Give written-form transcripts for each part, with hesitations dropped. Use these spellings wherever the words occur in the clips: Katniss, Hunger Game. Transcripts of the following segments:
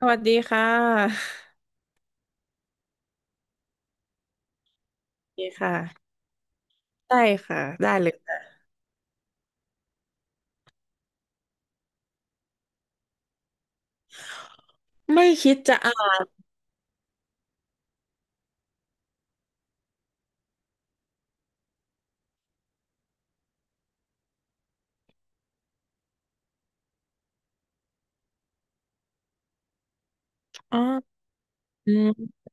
สวัสดีค่ะดีค่ะ ได้ค่ะ ได้เลยค่ะไม่คิดจะเอาอ๋ออืม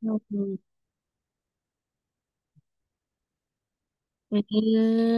อืมอืม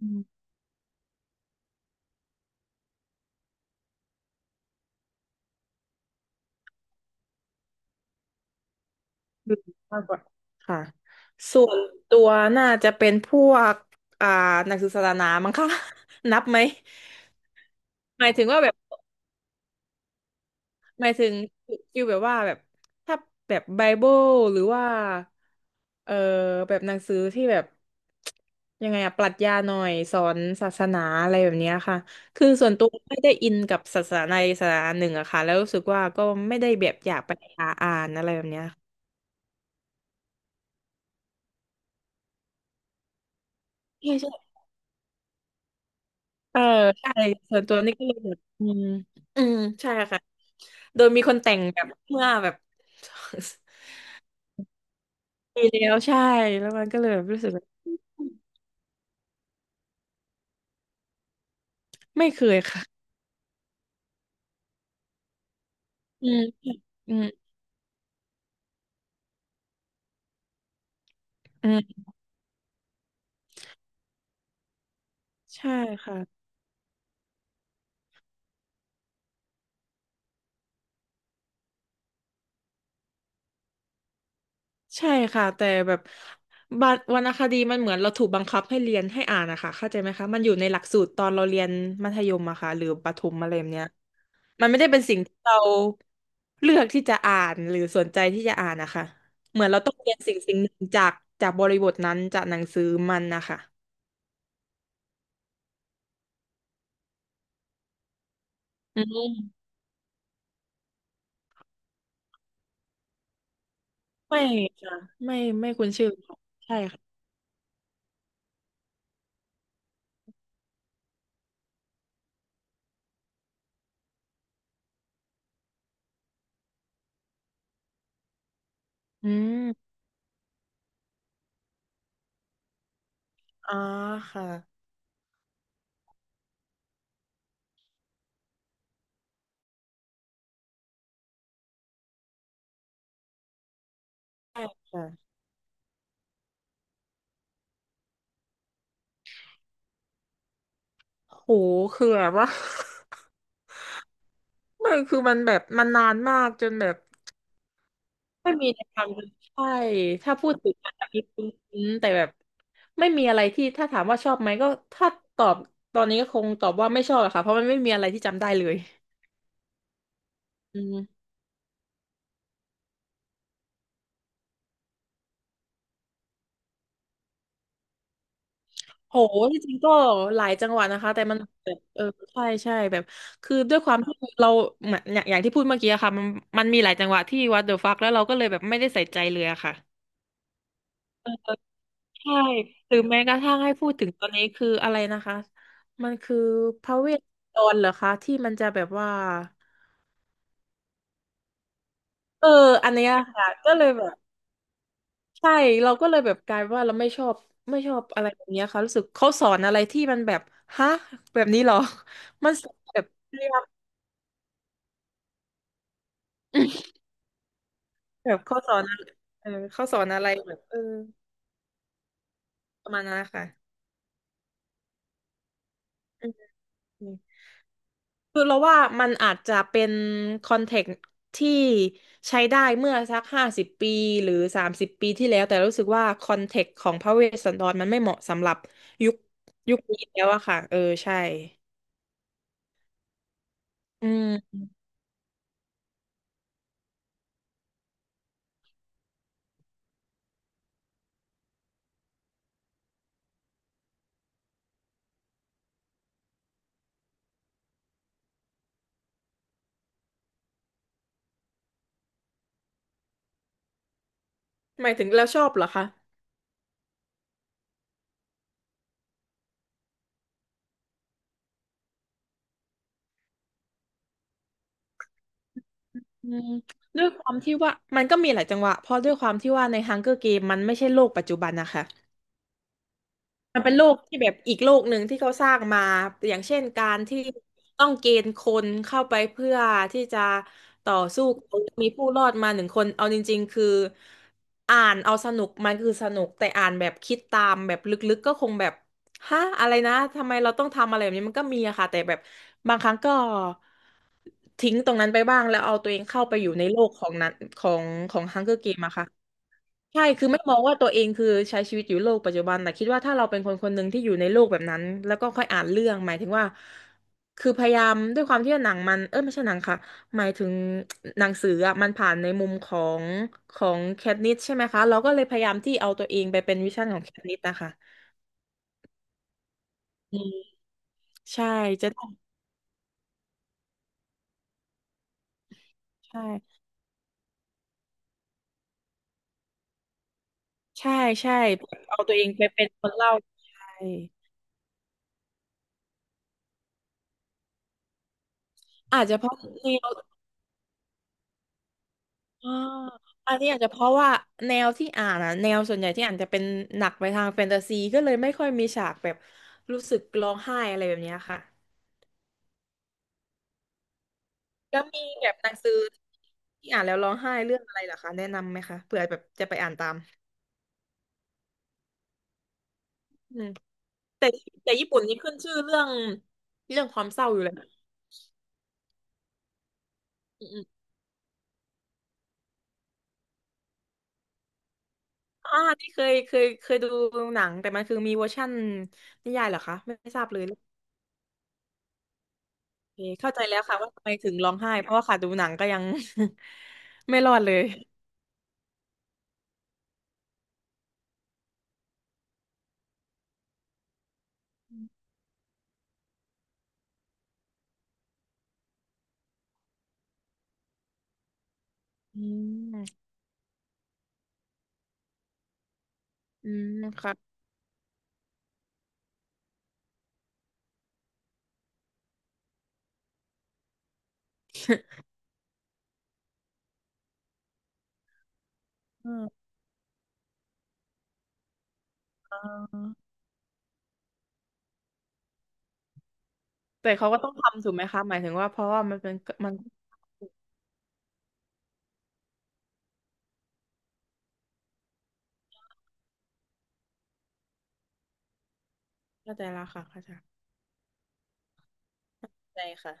อืมดูมากกว่าค่ะส่วนตัวน่าจะเป็นพวกอ่าหนักศึกษาสนามั้งคะ นับไหม หมายถึงว่าแบบ หมายถึงฟิลแบบว่าแบบถ้าแบบไบเบิลหรือว่าเออแบบหนังสือที่แบบยังไงอะปรัชญาหน่อยสอนศาสนาอะไรแบบเนี้ยค่ะคือส่วนตัวไม่ได้อินกับศาสนาใดศาสนาหนึ่งอะค่ะแล้วรู้สึกว่าก็ไม่ได้แบบอยากไปหาอ่านอะไรแบบเนี้ยใช่เออใช่ส่วนตัวนี่ก็เลยแบบอืมใช่ค่ะโดยมีคนแต่งแบบเมื่อแบบ ปีแล้วใช่แล้วมันก็เลยแบบรู้สึกว่าไม่เคยค่ะ อืมอืมอืมใช่ค่ะใช่ค่ะแต่แบบบัดวรรณคดีมันเหมือนเราถูกบังคับให้เรียนให้อ่านนะคะเข้าใจไหมคะมันอยู่ในหลักสูตรตอนเราเรียนมัธยมอะค่ะหรือประถมอะไรแบบเนี้ยมันไม่ได้เป็นสิ่งที่เราเลือกที่จะอ่านหรือสนใจที่จะอ่านนะคะเหมือนเราต้องเรียนสิ่งหนึ่งจากบริบทนั้นจากหนังสือมันนะคะอืมไม่ค่ะไม่ไม่คุ้นชื่อค่ะใช่ค่ะอืมอ๋อค่ะใช่ค่ะ โหคือแบบว่า ไม่คือมันแบบมันนานมากจนแบบไม่มีอะไรทำใช่ถ้าพูดถึงอาจจะมีคุ้นๆแต่แบบไม่มีอะไรที่ถ้าถามว่าชอบไหมก็ถ้าตอบตอนนี้ก็คงตอบว่าไม่ชอบอะค่ะเพราะมันไม่มีอะไรที่จำได้เลยอืมโหที่จริงก็หลายจังหวัดนะคะแต่มันแบบเออใช่แบบคือด้วยความที่เราเหมือนอย่างอย่างที่พูดเมื่อกี้อะค่ะมันมีหลายจังหวัดที่วัดเดอะฟักแล้วเราก็เลยแบบไม่ได้ใส่ใจเลยอะค่ะ ใช่หรือแม้กระทั่งให้พูดถึงตอนนี้คืออะไรนะคะมันคือพระเวทตนดรเหรอคะที่มันจะแบบว่าเอออันเนี้ยค่ะก็เลยแบบใช่เราก็เลยแบบกลายเป็นว่าเราไม่ชอบไม่ชอบอะไรแบบเนี้ยค่ะรู้สึกเขาสอนอะไรที่มันแบบฮะแบบนี้เหรอ มันสอนแบบเรียบแบบเขาสอนอะไรเขาสอนอะไรแบบเออประมาณนั้นนะค่ะอืม คือเราว่ามันอาจจะเป็นคอนเทกต์ที่ใช้ได้เมื่อสัก50 ปีหรือ30 ปีที่แล้วแต่รู้สึกว่าคอนเทกต์ของพระเวสสันดรมันไม่เหมาะสำหรับยุคยุคนี้แล้วอะค่ะเออใช่อืมหมายถึงแล้วชอบเหรอคะอืมด้วยความที่ว่ามันก็มีหลายจังหวะเพราะด้วยความที่ว่าใน Hunger Game มันไม่ใช่โลกปัจจุบันนะคะ มันเป็นโลกที่แบบอีกโลกหนึ่งที่เขาสร้างมาอย่างเช่นการที่ต้องเกณฑ์คนเข้าไปเพื่อที่จะต่อสู้กับมีผู้รอดมาหนึ่งคนเอาจริงๆคืออ่านเอาสนุกมันคือสนุกแต่อ่านแบบคิดตามแบบลึกๆก็คงแบบฮะอะไรนะทำไมเราต้องทำอะไรแบบนี้มันก็มีอะค่ะแต่แบบบางครั้งก็ทิ้งตรงนั้นไปบ้างแล้วเอาตัวเองเข้าไปอยู่ในโลกของนั้นของฮังเกอร์เกมอะค่ะ ใช่คือไม่มองว่าตัวเองคือใช้ชีวิตอยู่โลกปัจจุบัน แต่คิดว่าถ้าเราเป็นคนคนหนึ่งที่อยู่ในโลกแบบนั้นแล้วก็ค่อยอ่านเรื่องหมายถึงว่าคือพยายามด้วยความที่ว่าหนังมันเออไม่ใช่หนังค่ะหมายถึงหนังสืออ่ะมันผ่านในมุมของแคทนิสใช่ไหมคะเราก็เลยพยายามที่เอาตัวเองไปเป็นวิชั่นของแคทนิสนะคะอืมใช่จะต้องใช่ใช่ใช่เอาตัวเองไปเป็นคนเล่าใช่อาจจะเพราะแนว อ่าอันนี้อาจจะเพราะว่าแนวที่อ่านอะแนวส่วนใหญ่ที่อ่านจะเป็นหนักไปทางแฟนตาซีก็เลยไม่ค่อยมีฉากแบบรู้สึกร้องไห้อะไรแบบเนี้ยค่ะแล้วมีแบบหนังสือที่อ่านแล้วร้องไห้เรื่องอะไรเหรอคะแนะนำไหมคะเผื่อแบบจะไปอ่านตามอืมแต่แต่ญี่ปุ่นนี่ขึ้นชื่อเรื่องความเศร้าอยู่เลยนะอืมอมอ่านี่เคยดูหนังแต่มันคือมีเวอร์ชั่นนิยายเหรอคะไม่ทราบเลย โอเคเข้าใจแล้วค่ะว่าทำไมถึงร้องไห้เพราะว่าค่ะดูหนังก็ยัง ไม่รอดเลยอืมอืมค่ะอืมแต่เขาก็ต้องทำถูกไหมคะหมายถึงว่าเพราะว่ามันเป็นมันเข้าใจแล้วค่ะเข้าใจใช่ค่ะ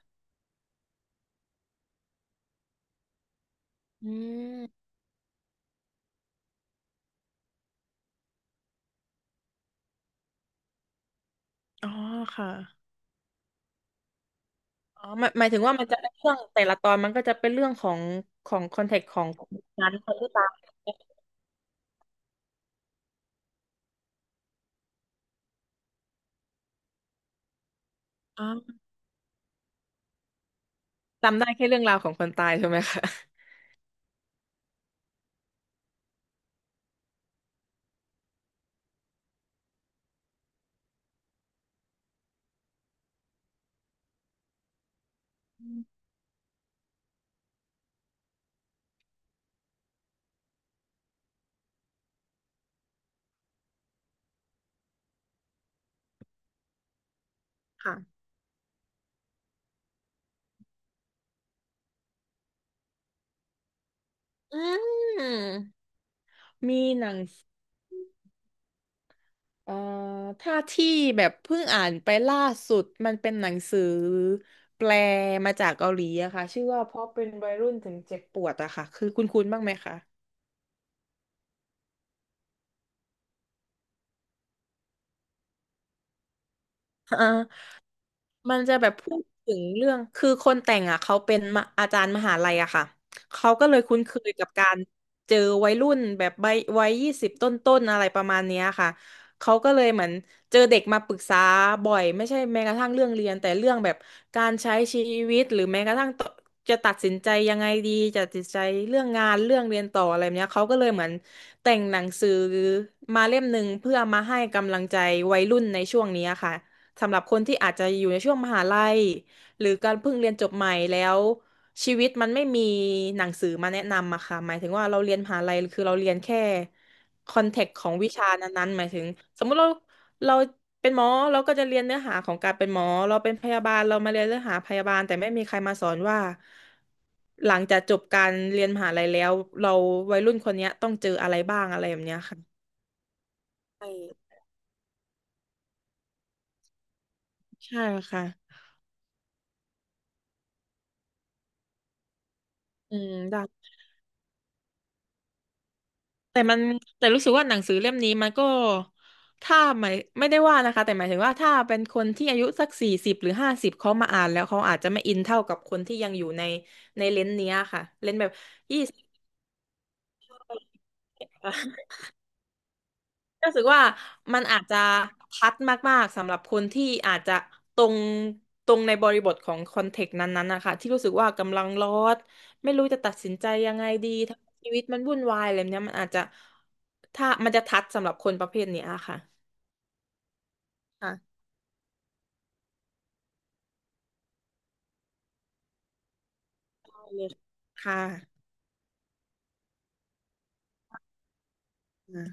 อืมอ๋อค่ะอ๋อหมายถึงว่ามันจะเป็นเรื่องแต่ละตอนมันก็จะเป็นเรื่องของของคอนเทกต์ของคนนั้นคนที่ตายอ๋อจำได้แค่เรื่องราวของคนตายใช่ไหมคะอืมค่ะอืมมีหนัง เอ่อถ้าที่แบบเพิ่งอ่านไปล่าสุดมันเป็นหนังสือแปลมาจากเกาหลีอะค่ะชื่อว่าเพราะเป็นวัยรุ่นถึงเจ็บปวดอะค่ะคือคุ้นๆบ้างไหมคะอ่า มันจะแบบพูดถึงเรื่องคือคนแต่งอ่ะเขาเป็นมะอาจารย์มหาลัยอะค่ะเขาก็เลยคุ้นเคยกับการเจอวัยรุ่นแบบใบวัย20ต้นต้นๆอะไรประมาณเนี้ยค่ะเขาก็เลยเหมือนเจอเด็กมาปรึกษาบ่อยไม่ใช่แม้กระทั่งเรื่องเรียนแต่เรื่องแบบการใช้ชีวิตหรือแม้กระทั่งตจะตัดสินใจยังไงดีจะตัดสินใจเรื่องงานเรื่องเรียนต่ออะไรแบบเนี้ยเขาก็เลยเหมือนแต่งหนังสือมาเล่มหนึ่งเพื่อมาให้กำลังใจวัยรุ่นในช่วงนี้ค่ะ สำหรับคนที่อาจจะอยู่ในช่วงมหาลัยหรือการเพิ่งเรียนจบใหม่แล้วชีวิตมันไม่มีหนังสือมาแนะนำอะค่ะหมายถึงว่าเราเรียนมหาลัยคือเราเรียนแค่คอนเทกต์ของวิชานั้นๆหมายถึงสมมุติเราเป็นหมอเราก็จะเรียนเนื้อหาของการเป็นหมอเราเป็นพยาบาลเรามาเรียนเนื้อหาพยาบาลแต่ไม่มีใครมาสอนว่าหลังจากจบการเรียนมหาลัยแล้วเราวัยรุ่นคนเนี้ยต้องเจออะไรบ้างอะไรแบบเนี้ยค่ะใช่ใช่ค่ะอืมได้ แต่มันแต่รู้สึกว่าหนังสือเล่มนี้มันก็ถ้าหมายไม่ได้ว่านะคะแต่หมายถึงว่าถ้าเป็นคนที่อายุสัก40หรือ50เขามาอ่านแล้วเขาอาจจะไม่อินเท่ากับคนที่ยังอยู่ในในเลนส์เนี้ยค่ะเลนส์แบบ รู้สึกว่ามันอาจจะทัดมากๆสำหรับคนที่อาจจะตรงตรงในบริบทของคอนเทกต์นั้นๆนะคะที่รู้สึกว่ากำลังร้อนไม่รู้จะตัดสินใจยังไงดีทั้งชีวิตมันวุ่นวายอะไรแบบเนี้ยมันอาจจะถ้ามันจะทัดสำหรับคนประเภทเนี้ยค่ะ ค่ะอ่า